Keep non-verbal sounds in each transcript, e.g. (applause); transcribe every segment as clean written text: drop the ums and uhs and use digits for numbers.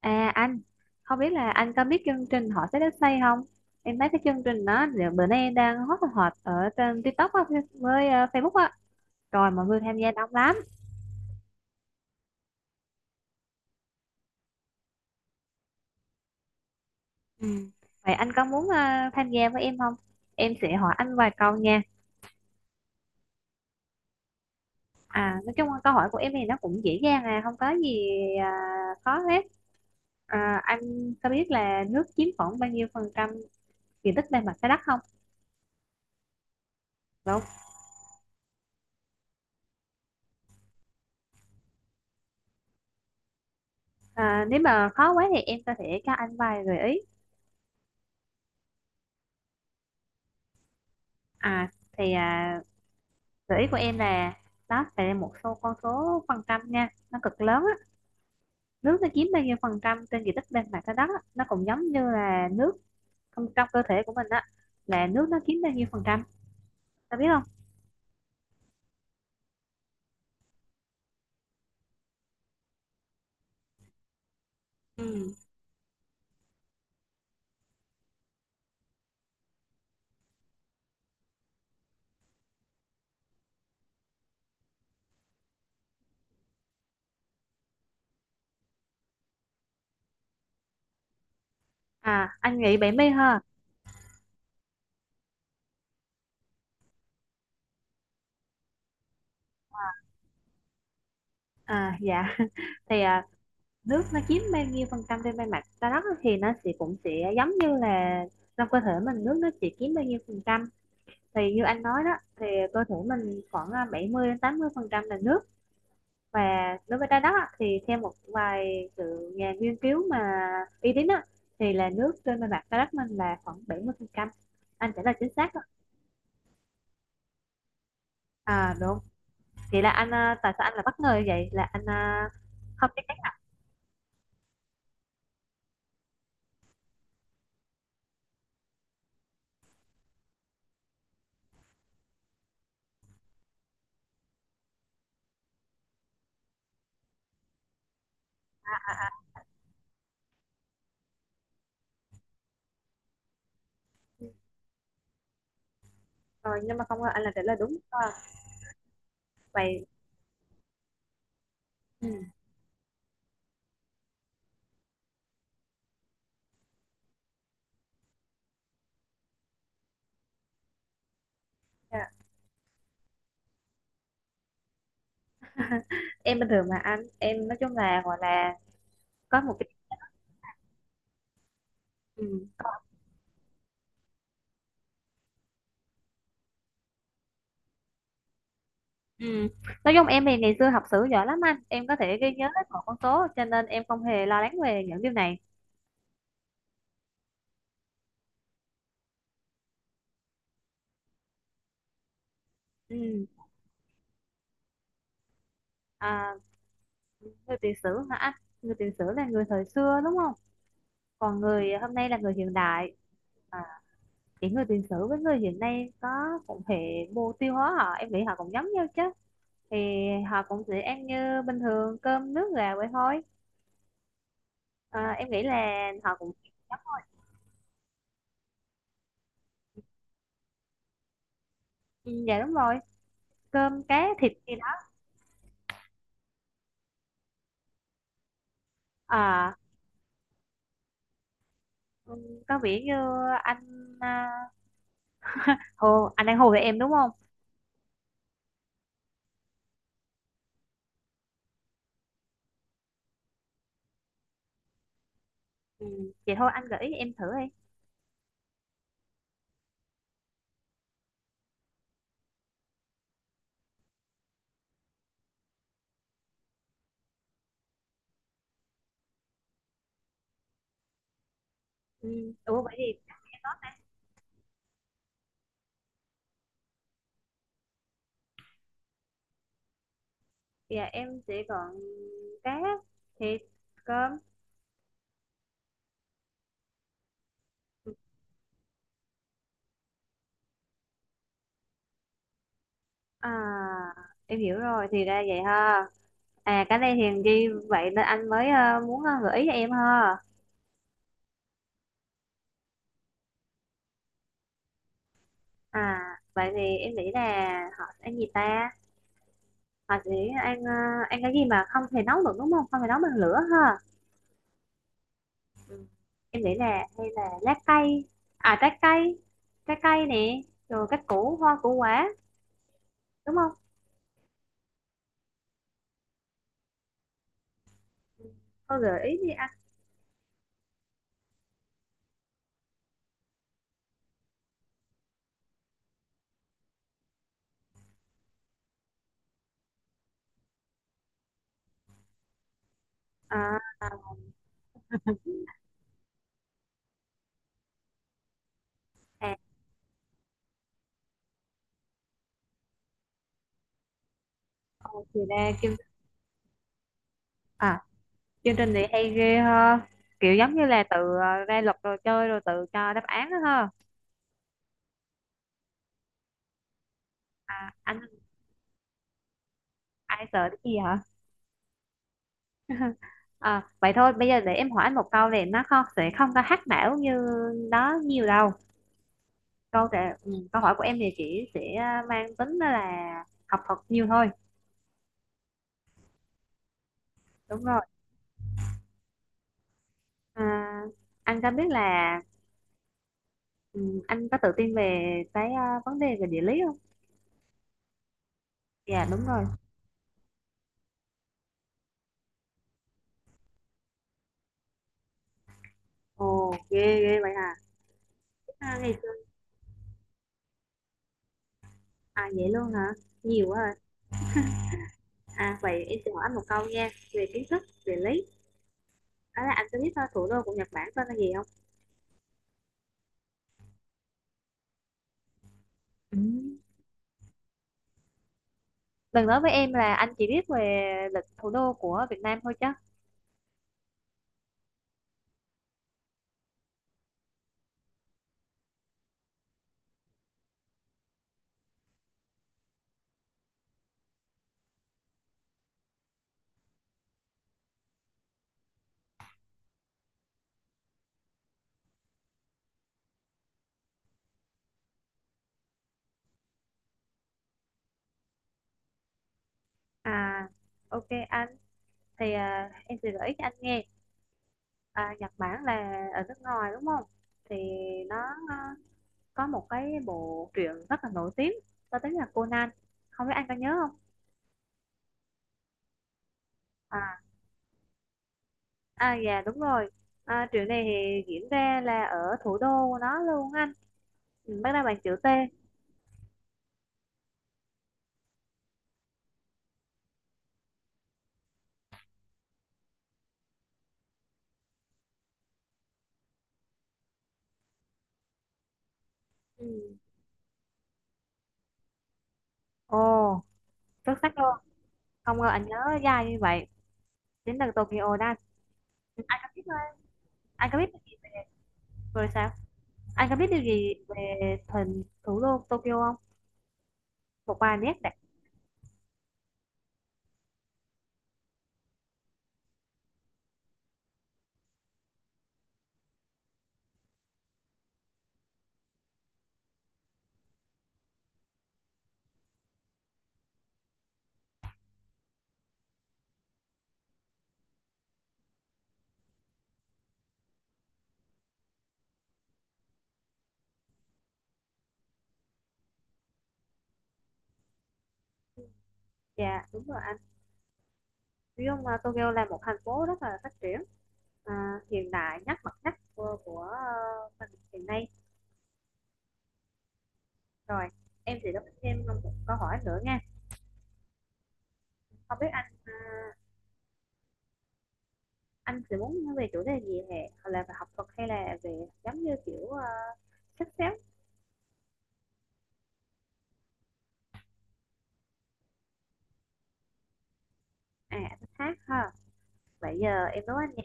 À anh, không biết là anh có biết chương trình Họ Sẽ Đất xây không? Em thấy cái chương trình đó giờ bữa nay đang hot hot ở trên TikTok á, với Facebook á. Rồi mọi người tham gia đông lắm. Ừ. Vậy anh có muốn tham gia với em không? Em sẽ hỏi anh vài câu nha. À, nói chung là câu hỏi của em thì nó cũng dễ dàng à, không có gì à, khó hết. À, anh có biết là nước chiếm khoảng bao nhiêu phần trăm diện tích bề mặt trái đất không? Đúng. À, nếu mà khó quá thì em có thể cho anh vài gợi ý. À, thì à, gợi ý của em là nó sẽ một số con số phần trăm nha, nó cực lớn á. Nước nó chiếm bao nhiêu phần trăm trên diện tích bên mặt trái đất á, nó cũng giống như là nước trong cơ thể của mình á, là nước nó chiếm bao nhiêu phần trăm ta biết không? Ừ. À anh nghĩ bảy mươi ha. À dạ (laughs) thì à, nước nó chiếm bao nhiêu phần trăm trên bề mặt trái đất á, thì nó sẽ cũng sẽ giống như là trong cơ thể mình nước nó chỉ chiếm bao nhiêu phần trăm. Thì như anh nói đó thì cơ thể mình khoảng à, 70 đến 80 phần trăm là nước. Và đối với trái đất á, thì theo một vài sự nhà nghiên cứu mà uy tín á, thì là nước trên bề mặt trái đất mình là khoảng 70%, anh trả lời chính xác đó. À đúng, vậy là anh à, tại sao anh là bất ngờ như vậy, là anh à, không chắc chắn à? Rồi nhưng mà không ngờ anh là trả lời đúng à, vậy. Ừ. Dạ. Em bình thường mà anh, em nói chung là gọi là có một cái. Ừ. Ừ. Nói chung em thì ngày xưa học sử giỏi lắm anh, em có thể ghi nhớ hết một con số cho nên em không hề lo lắng về những điều này. Ừ. À, người tiền sử hả? Người tiền sử là người thời xưa đúng không, còn người hôm nay là người hiện đại. À, thì người tiền sử với người hiện nay có cũng hệ mô tiêu hóa, họ em nghĩ họ cũng giống nhau chứ. Thì họ cũng sẽ ăn như bình thường, cơm nước gà vậy thôi. À, em nghĩ là họ cũng. Ừ, dạ đúng rồi, cơm cá thịt gì đó. À ừ, có vẻ như anh à, hồ anh đang hồ với em đúng không? Ừ, vậy thôi anh gợi ý em thử đi. Ừ, ủa vậy thì dạ em sẽ gọn cá, thịt, cơm. À em hiểu rồi, thì ra vậy ha. À cái này thì ghi vậy nên anh mới muốn gợi ý cho em ha. À vậy thì em nghĩ là họ sẽ ăn gì ta? Họ sẽ ăn ăn cái gì mà không thể nấu được đúng không? Không thể nấu bằng lửa ha. Ừ. Em nghĩ là hay là lá cây. À trái cây. Trái cây nè. Rồi cái củ hoa củ quả đúng không? Cô gợi ý đi anh. À, à, à, thì ra kim. À chương trình này hay ghê ha, kiểu giống như là tự ra luật rồi chơi rồi tự cho đáp án đó ha. À, anh ai sợ cái gì hả? À, vậy thôi bây giờ để em hỏi anh một câu này, nó không sẽ không có hack não như đó nhiều đâu. Câu trả, ừ, câu hỏi của em thì chỉ sẽ mang tính đó là học thuật nhiều thôi. Đúng rồi. À, anh có biết là ừ, anh có tự tin về cái vấn đề về địa lý không? Dạ đúng rồi. Ồ ghê ghê vậy hả. À, ngày xưa. À vậy luôn hả, nhiều quá à. À, vậy em sẽ hỏi anh một câu nha về kiến thức địa lý. Đó là anh có biết thủ đô của Nhật Bản tên là gì không? Ừ. Đừng nói với em là anh chỉ biết về lịch thủ đô của Việt Nam thôi chứ. À, ok anh. Thì à, em sẽ gợi ý cho anh nghe. À, Nhật Bản là ở nước ngoài đúng không? Thì nó à, có một cái bộ truyện rất là nổi tiếng có tiếng là Conan. Không biết anh có nhớ không? À, à dạ đúng rồi. À, truyện này thì diễn ra là ở thủ đô của nó luôn anh. Ừ, bắt đầu bằng chữ T. Ừ. Ồ, xuất sắc luôn. Không ngờ anh nhớ dài như vậy. Đến từ Tokyo đó. Ừ, anh có biết thôi. Anh có biết rồi sao? Anh có biết điều gì về thành thủ đô Tokyo không? Một vài nét đặc. Dạ, đúng rồi anh. Nói chung là Tokyo là một thành phố rất là phát triển, à, hiện đại nhất mặt nhất của mình hiện nay. Rồi, em sẽ đọc thêm một câu hỏi nữa nha. Không biết anh à, anh sẽ muốn nói về chủ đề gì hả? Hoặc là về học thuật hay là về giống như kiểu sách xếp. À, anh hát ha? Nãy giờ em nấu ăn nhạc,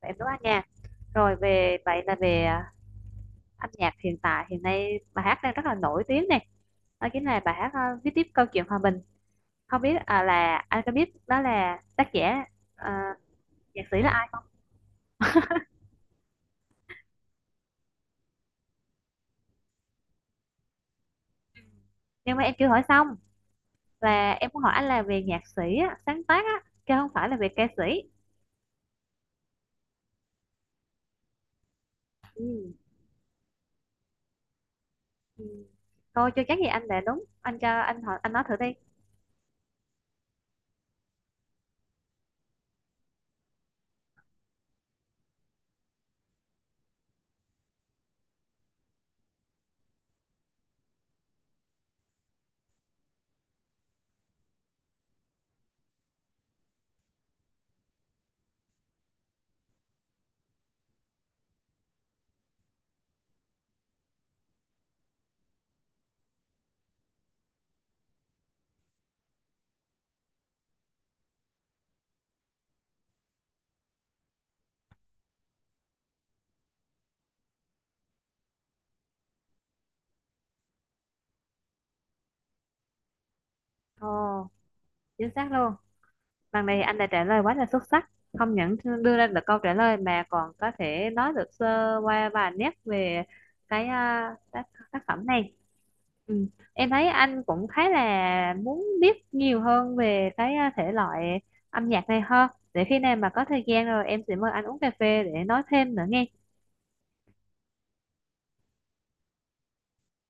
em nấu ăn nhạc. Rồi về vậy là về à, âm nhạc hiện tại hiện nay bài hát đang rất là nổi tiếng này. Đó chính là bài hát à, viết tiếp câu chuyện hòa bình. Không biết à, là anh có biết đó là tác giả à, nhạc sĩ là ai không? Nhưng mà em chưa hỏi xong, là em muốn hỏi anh là về nhạc sĩ á, sáng tác á, chứ không phải là về ca sĩ. Ừ. Ừ. Thôi chưa chắc gì anh đã đúng. Anh cho anh hỏi anh nói thử đi. Ồ, chính xác luôn. Lần này anh đã trả lời quá là xuất sắc, không những đưa ra được câu trả lời mà còn có thể nói được sơ qua vài nét về cái à, tác, tác phẩm này. Ừ. Em thấy anh cũng khá là muốn biết nhiều hơn về cái à, thể loại âm nhạc này hơn. Để khi nào mà có thời gian rồi em sẽ mời anh uống cà phê để nói thêm nữa nghe.